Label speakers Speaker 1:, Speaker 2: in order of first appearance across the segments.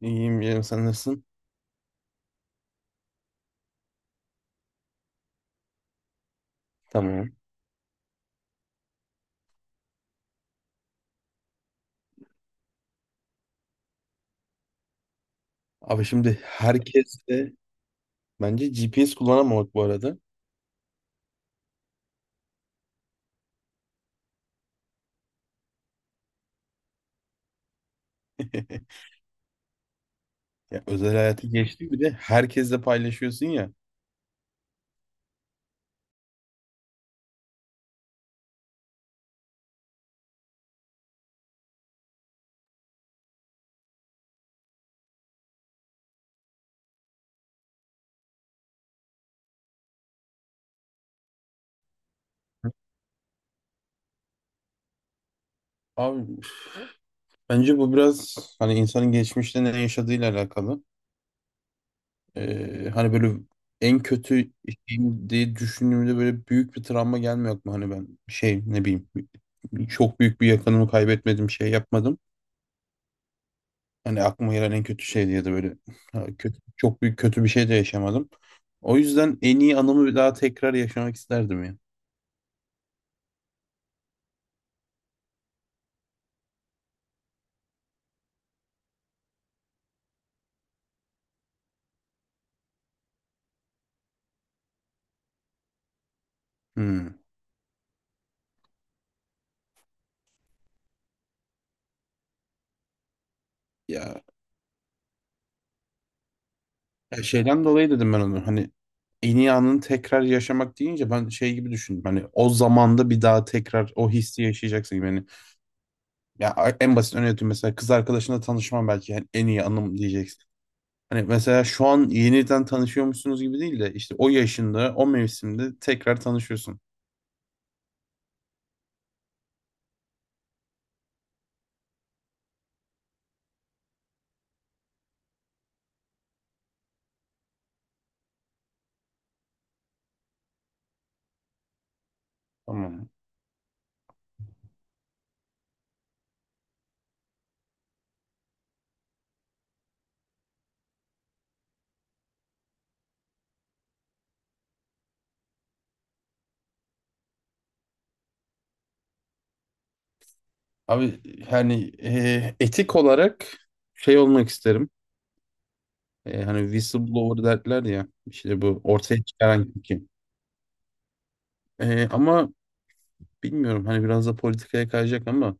Speaker 1: İyiyim canım, sen nasılsın? Tamam. Abi şimdi herkes de, bence GPS kullanamamak bu arada. Ya özel hayatı geçti, bir de herkesle paylaşıyorsun ya. Abi bence bu biraz hani insanın geçmişte ne yaşadığıyla alakalı. Hani böyle en kötü şeyim diye düşündüğümde böyle büyük bir travma gelmiyor aklıma. Hani ben şey, ne bileyim, çok büyük bir yakınımı kaybetmedim, şey yapmadım. Hani aklıma gelen en kötü şey diye de böyle ha, kötü, çok büyük kötü bir şey de yaşamadım. O yüzden en iyi anımı bir daha tekrar yaşamak isterdim ya. Hmm. Ya, ya şeyden dolayı dedim ben onu. Hani en iyi anını tekrar yaşamak deyince ben şey gibi düşündüm. Hani o zamanda bir daha tekrar o hissi yaşayacaksın gibi. Hani, ya en basit örneği, mesela kız arkadaşınla tanışmam, belki yani en iyi anım diyeceksin. Hani mesela şu an yeniden tanışıyormuşsunuz gibi değil de işte o yaşında, o mevsimde tekrar tanışıyorsun. Tamam. Abi hani etik olarak şey olmak isterim. E, hani whistleblower derler ya, işte bu ortaya çıkaran kim. E, ama bilmiyorum, hani biraz da politikaya kayacak ama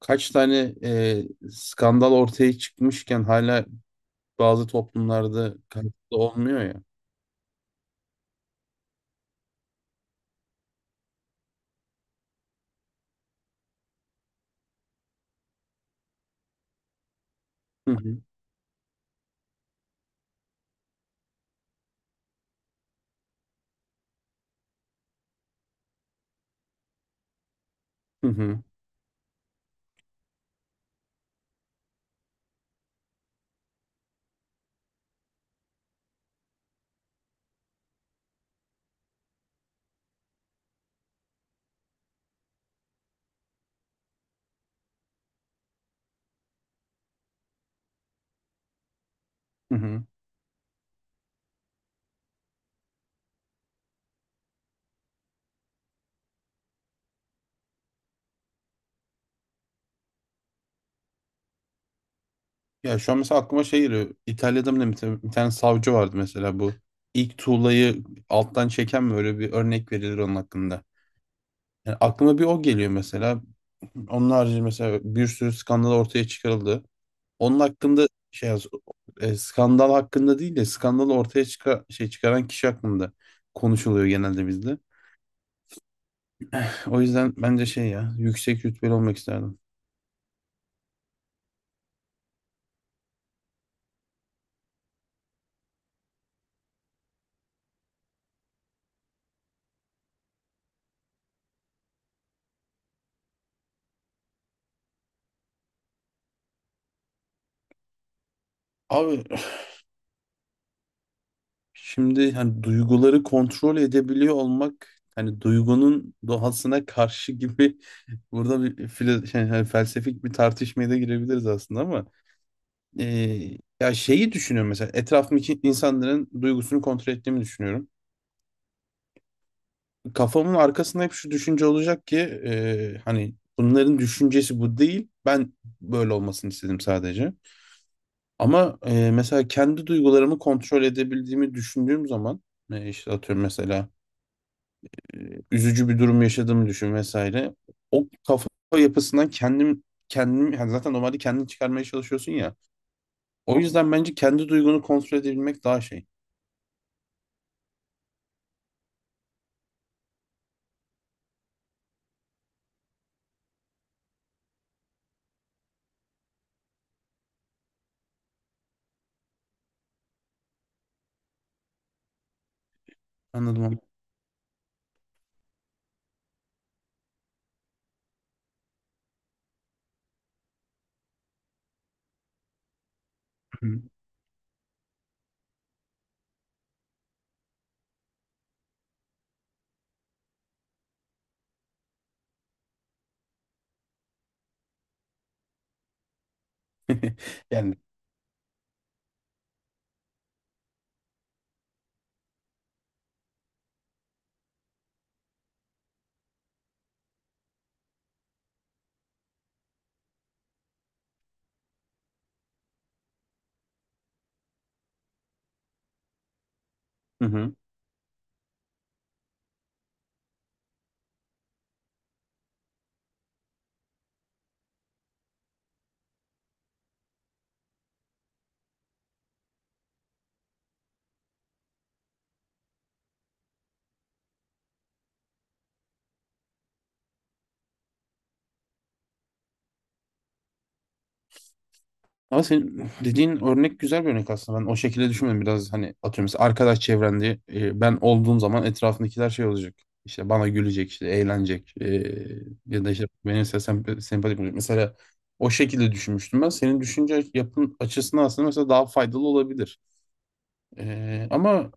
Speaker 1: kaç tane skandal ortaya çıkmışken hala bazı toplumlarda kayıtlı olmuyor ya. Hı hı, hı hı, hı hı. Ya şu an mesela aklıma şey geliyor. İtalya'da mı ne bir tane savcı vardı mesela bu, ilk tuğlayı alttan çeken mi, öyle bir örnek verilir onun hakkında. Yani aklıma bir o geliyor mesela. Onun harici mesela bir sürü skandal ortaya çıkarıldı. Onun hakkında skandal hakkında değil de şey çıkaran kişi hakkında konuşuluyor genelde bizde. O yüzden bence şey, ya yüksek rütbeli olmak isterdim. Abi şimdi hani duyguları kontrol edebiliyor olmak hani duygunun doğasına karşı gibi. Burada şey, hani felsefik bir tartışmaya da girebiliriz aslında ama Ee, ya şeyi düşünüyorum, mesela etrafımdaki insanların duygusunu kontrol ettiğimi düşünüyorum. Kafamın arkasında hep şu düşünce olacak ki hani bunların düşüncesi bu değil. Ben böyle olmasını istedim sadece. Ama mesela kendi duygularımı kontrol edebildiğimi düşündüğüm zaman, işte atıyorum mesela, e, üzücü bir durum yaşadığımı düşün vesaire. O kafa yapısından kendim yani zaten normalde kendini çıkarmaya çalışıyorsun ya. O yüzden bence kendi duygunu kontrol edebilmek daha şey. Anladım ama. Yani hı hı. Ama senin dediğin örnek güzel bir örnek aslında. Ben o şekilde düşünmedim. Biraz hani atıyorum mesela arkadaş çevrende ben olduğum zaman etrafındakiler şey olacak. İşte bana gülecek, işte eğlenecek. Ya da işte benim sempatik, sempatik olacak. Mesela o şekilde düşünmüştüm ben. Senin düşünce yapın açısından aslında mesela daha faydalı olabilir. E, ama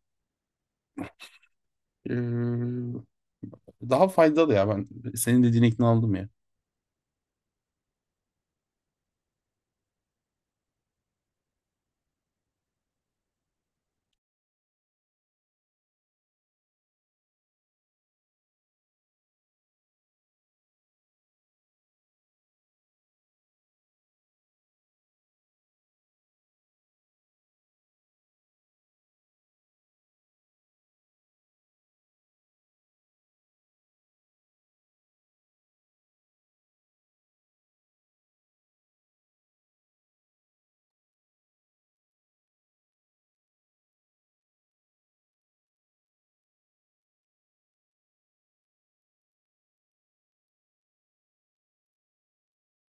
Speaker 1: e, daha faydalı ya, ben senin dediğine ikna oldum ya.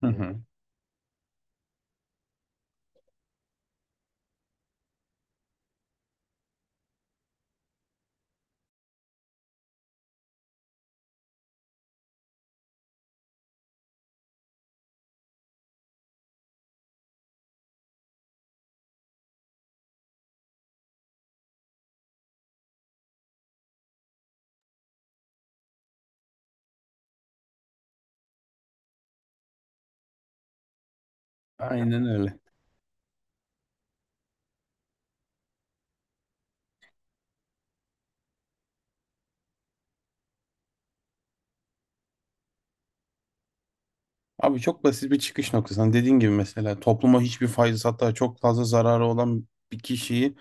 Speaker 1: Hı hı. Aynen öyle. Abi çok basit bir çıkış noktası. Hani dediğin gibi mesela topluma hiçbir faydası, hatta çok fazla zararı olan bir kişiyi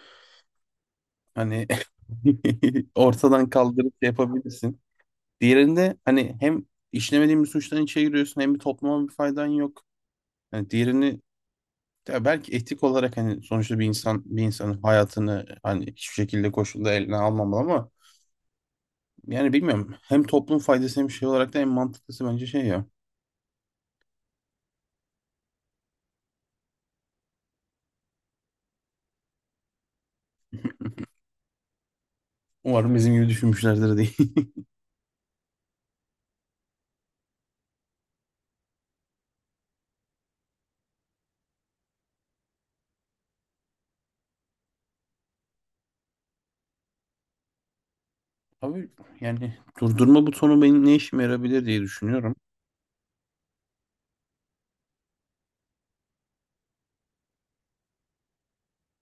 Speaker 1: hani ortadan kaldırıp şey yapabilirsin. Diğerinde hani hem işlemediğin bir suçtan içe giriyorsun, hem bir topluma bir faydan yok. Yani diğerini, ya belki etik olarak hani sonuçta bir insan bir insanın hayatını hani hiçbir şekilde koşulda eline almamalı ama yani bilmiyorum. Hem toplum faydası hem şey olarak da en mantıklısı bence şey ya. Umarım bizim gibi düşünmüşlerdir diye. Abi yani durdurma butonu benim ne işime yarabilir diye düşünüyorum.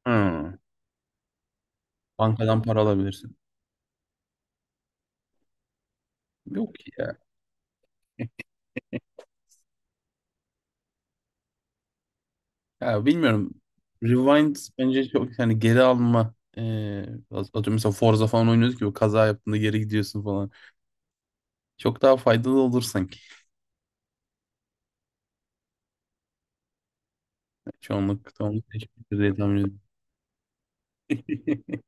Speaker 1: Hı, bankadan para alabilirsin. Yok ki ya. Ya bilmiyorum. Rewind bence çok, yani geri alma, atıyorum mesela Forza falan oynuyoruz ki o kaza yaptığında geri gidiyorsun falan. Çok daha faydalı olur sanki. Çoğunluk teşekkür diye tahmin ediyorum.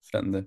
Speaker 1: Sen de.